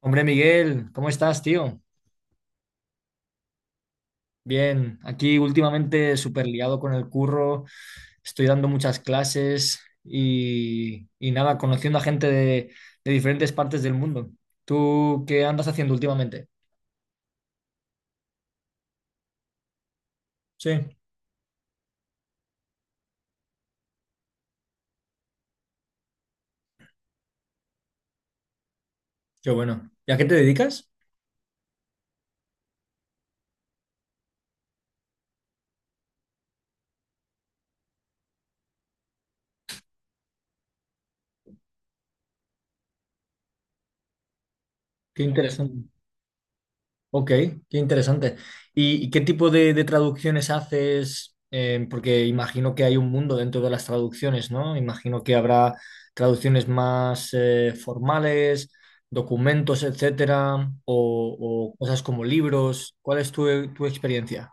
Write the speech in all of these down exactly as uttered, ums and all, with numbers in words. Hombre, Miguel, ¿cómo estás, tío? Bien, aquí últimamente súper liado con el curro, estoy dando muchas clases y, y nada, conociendo a gente de, de diferentes partes del mundo. ¿Tú qué andas haciendo últimamente? Sí, qué bueno. ¿Y a qué te dedicas? Qué interesante. Ok, qué interesante. ¿Y, y qué tipo de, de traducciones haces? Eh, porque imagino que hay un mundo dentro de las traducciones, ¿no? Imagino que habrá traducciones más eh, formales, documentos, etcétera, o, o cosas como libros. ¿Cuál es tu, tu experiencia?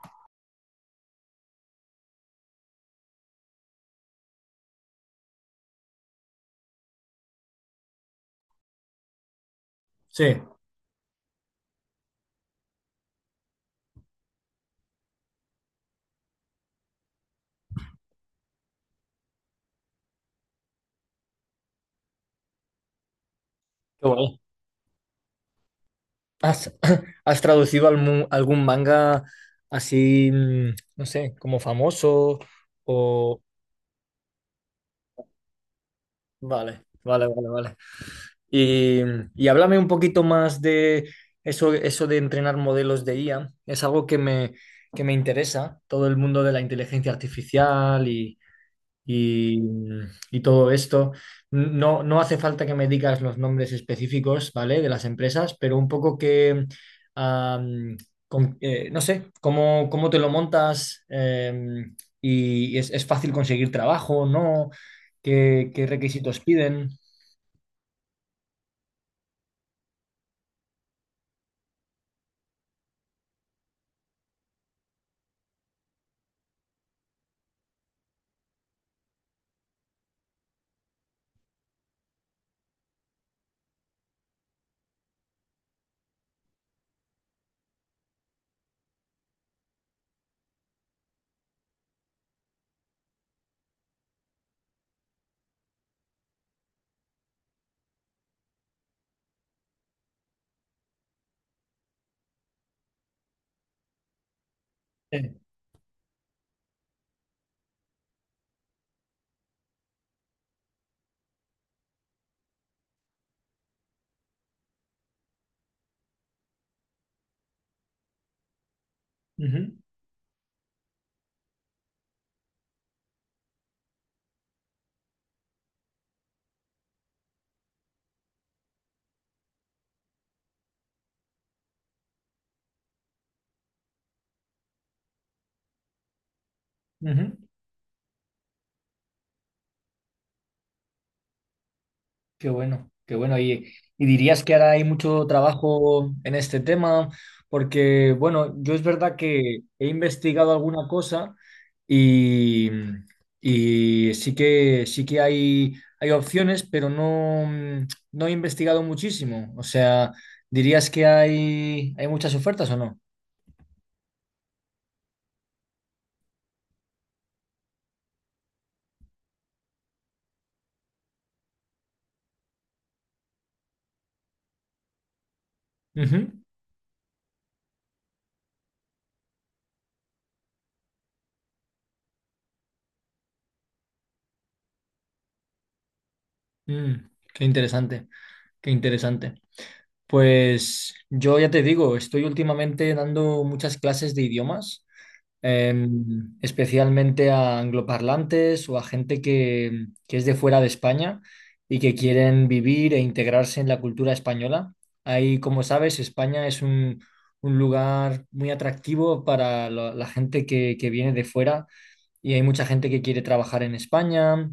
Sí, qué guay. ¿Has, ¿has traducido algún, algún manga así, mm, no sé, como famoso? O... Vale, vale, vale, vale. Y, y háblame un poquito más de eso, eso de entrenar modelos de I A. Es algo que me, que me interesa, todo el mundo de la inteligencia artificial y, y- y todo esto. No, no hace falta que me digas los nombres específicos, ¿vale? De las empresas, pero un poco que, am, con- eh, no sé, cómo, cómo te lo montas em, y es, es fácil conseguir trabajo, ¿no? ¿Qué, qué requisitos piden? Sí. Ujú, ujú. Qué bueno, qué bueno. Y, y dirías que ahora hay mucho trabajo en este tema, porque, bueno, yo es verdad que he investigado alguna cosa y, y sí que, sí que hay, hay opciones, pero no, mm, no he investigado muchísimo. O sea, ¿dirías que hay, hay muchas ofertas o no? Ujú. Mm, qué interesante, qué interesante. Pues yo ya te digo, estoy últimamente dando muchas clases de idiomas. Em, especialmente a angloparlantes o a gente que, que es de fuera de España y que quieren vivir e integrarse en la cultura española. Ahí, como sabes, España es un, un lugar muy atractivo para la, la gente que, que viene de fuera y hay mucha gente que quiere trabajar en España,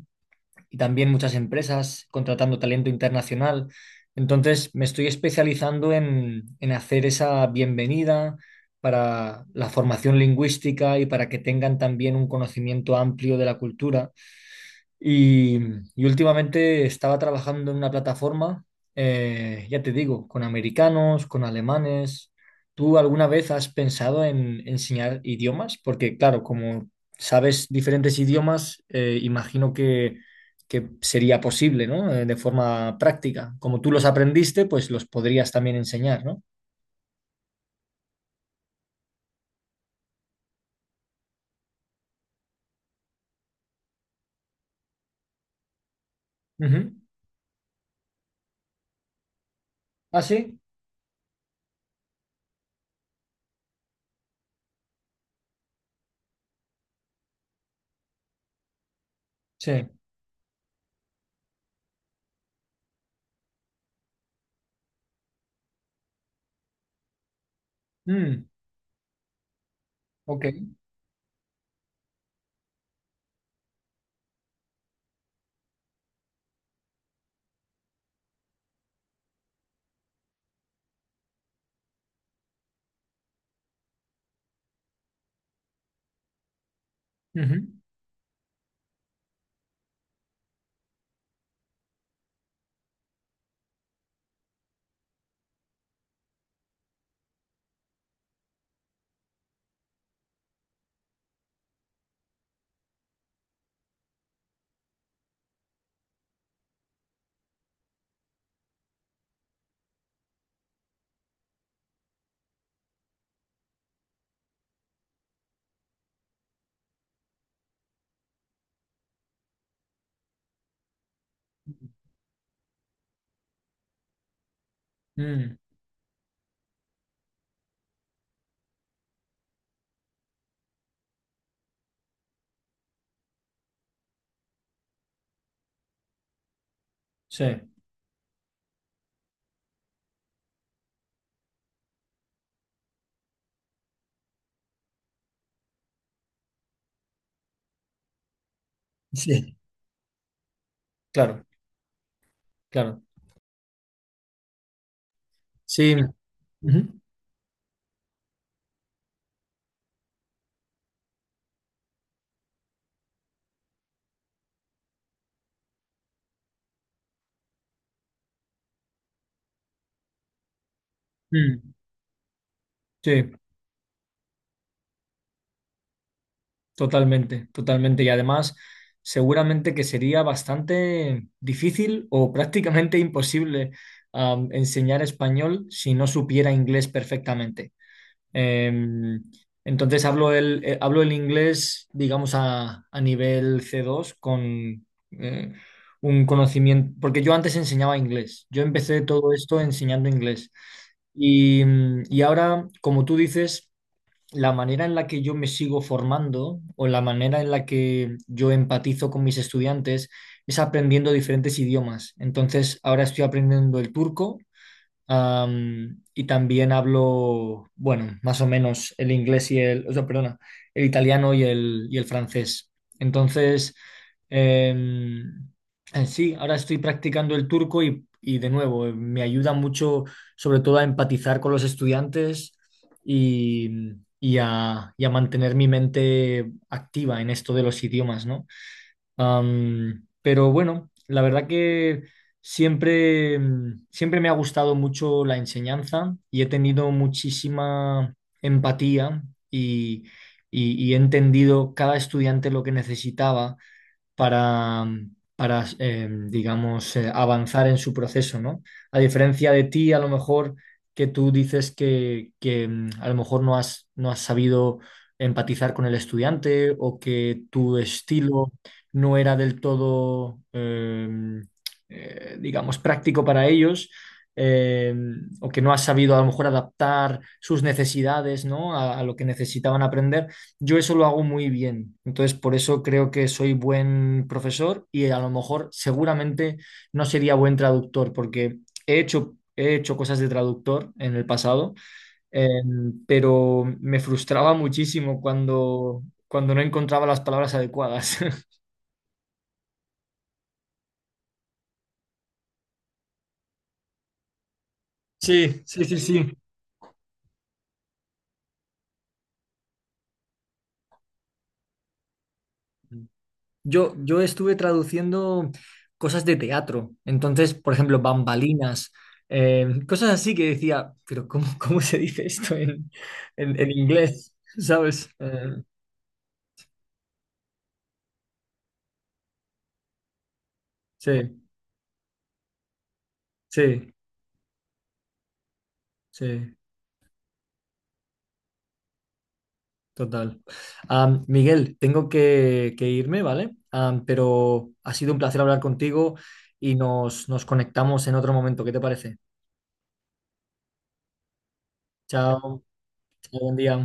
y también muchas empresas contratando talento internacional. Entonces me estoy especializando en, en hacer esa bienvenida para la formación lingüística y para que tengan también un conocimiento amplio de la cultura y, y últimamente estaba trabajando en una plataforma, eh, ya te digo, con americanos, con alemanes. ¿Tú alguna vez has pensado en enseñar idiomas? Porque claro, como sabes diferentes idiomas, eh, imagino que, que sería posible, ¿no? Eh, de forma práctica. Como tú los aprendiste, pues los podrías también enseñar, ¿no? Ujú. ¿Ah, sí? Sí. Mm, ok. Ujú. Mm, sí. Sí. Claro, claro. Sí. Ujú. Mm. Sí, totalmente, totalmente. Y además, seguramente que sería bastante difícil o prácticamente imposible am, enseñar español si no supiera inglés perfectamente. Em, entonces hablo el, eh, hablo el inglés, digamos, a, a nivel C dos con eh, un conocimiento, porque yo antes enseñaba inglés. Yo empecé todo esto enseñando inglés. Y, mm, y ahora, como tú dices, la manera en la que yo me sigo formando o la manera en la que yo empatizo con mis estudiantes es aprendiendo diferentes idiomas. Entonces, ahora estoy aprendiendo el turco. Am, y también hablo, bueno, más o menos el inglés y el, o sea, perdona, el italiano y el, y el francés. Entonces, em, eh, sí, ahora estoy practicando el turco y, y de nuevo, eh, me ayuda mucho sobre todo a empatizar con los estudiantes y, y a, y a mantener mi mente activa en esto de los idiomas, ¿no? Am, pero bueno, la verdad que siempre, mm, siempre me ha gustado mucho la enseñanza y he tenido muchísima empatía y, y- y he entendido cada estudiante lo que necesitaba para, para eh, digamos, eh, avanzar en su proceso, ¿no? A diferencia de ti, a lo mejor que tú dices que, que, mm, a lo mejor no has, no has sabido empatizar con el estudiante o que tu estilo no era del todo, eh, eh, digamos, práctico para ellos. eh, o que no has sabido a lo mejor adaptar sus necesidades, ¿no? A a lo que necesitaban aprender. Yo eso lo hago muy bien. Entonces, por eso creo que soy buen profesor y a lo mejor seguramente no sería buen traductor, porque he hecho, he hecho cosas de traductor en el pasado, eh, pero me frustraba muchísimo cuando, cuando no encontraba las palabras adecuadas. Sí, sí, sí, sí. Yo, yo estuve traduciendo cosas de teatro, entonces, por ejemplo, bambalinas, eh, cosas así que decía, pero ¿cómo, ¿cómo se dice esto en, en- en inglés? ¿Sabes? Eh, sí, sí, sí, total. Am, Miguel, tengo que, que irme, ¿vale? Am, pero ha sido un placer hablar contigo y nos, nos conectamos en otro momento. ¿Qué te parece? Chao, chao, buen día.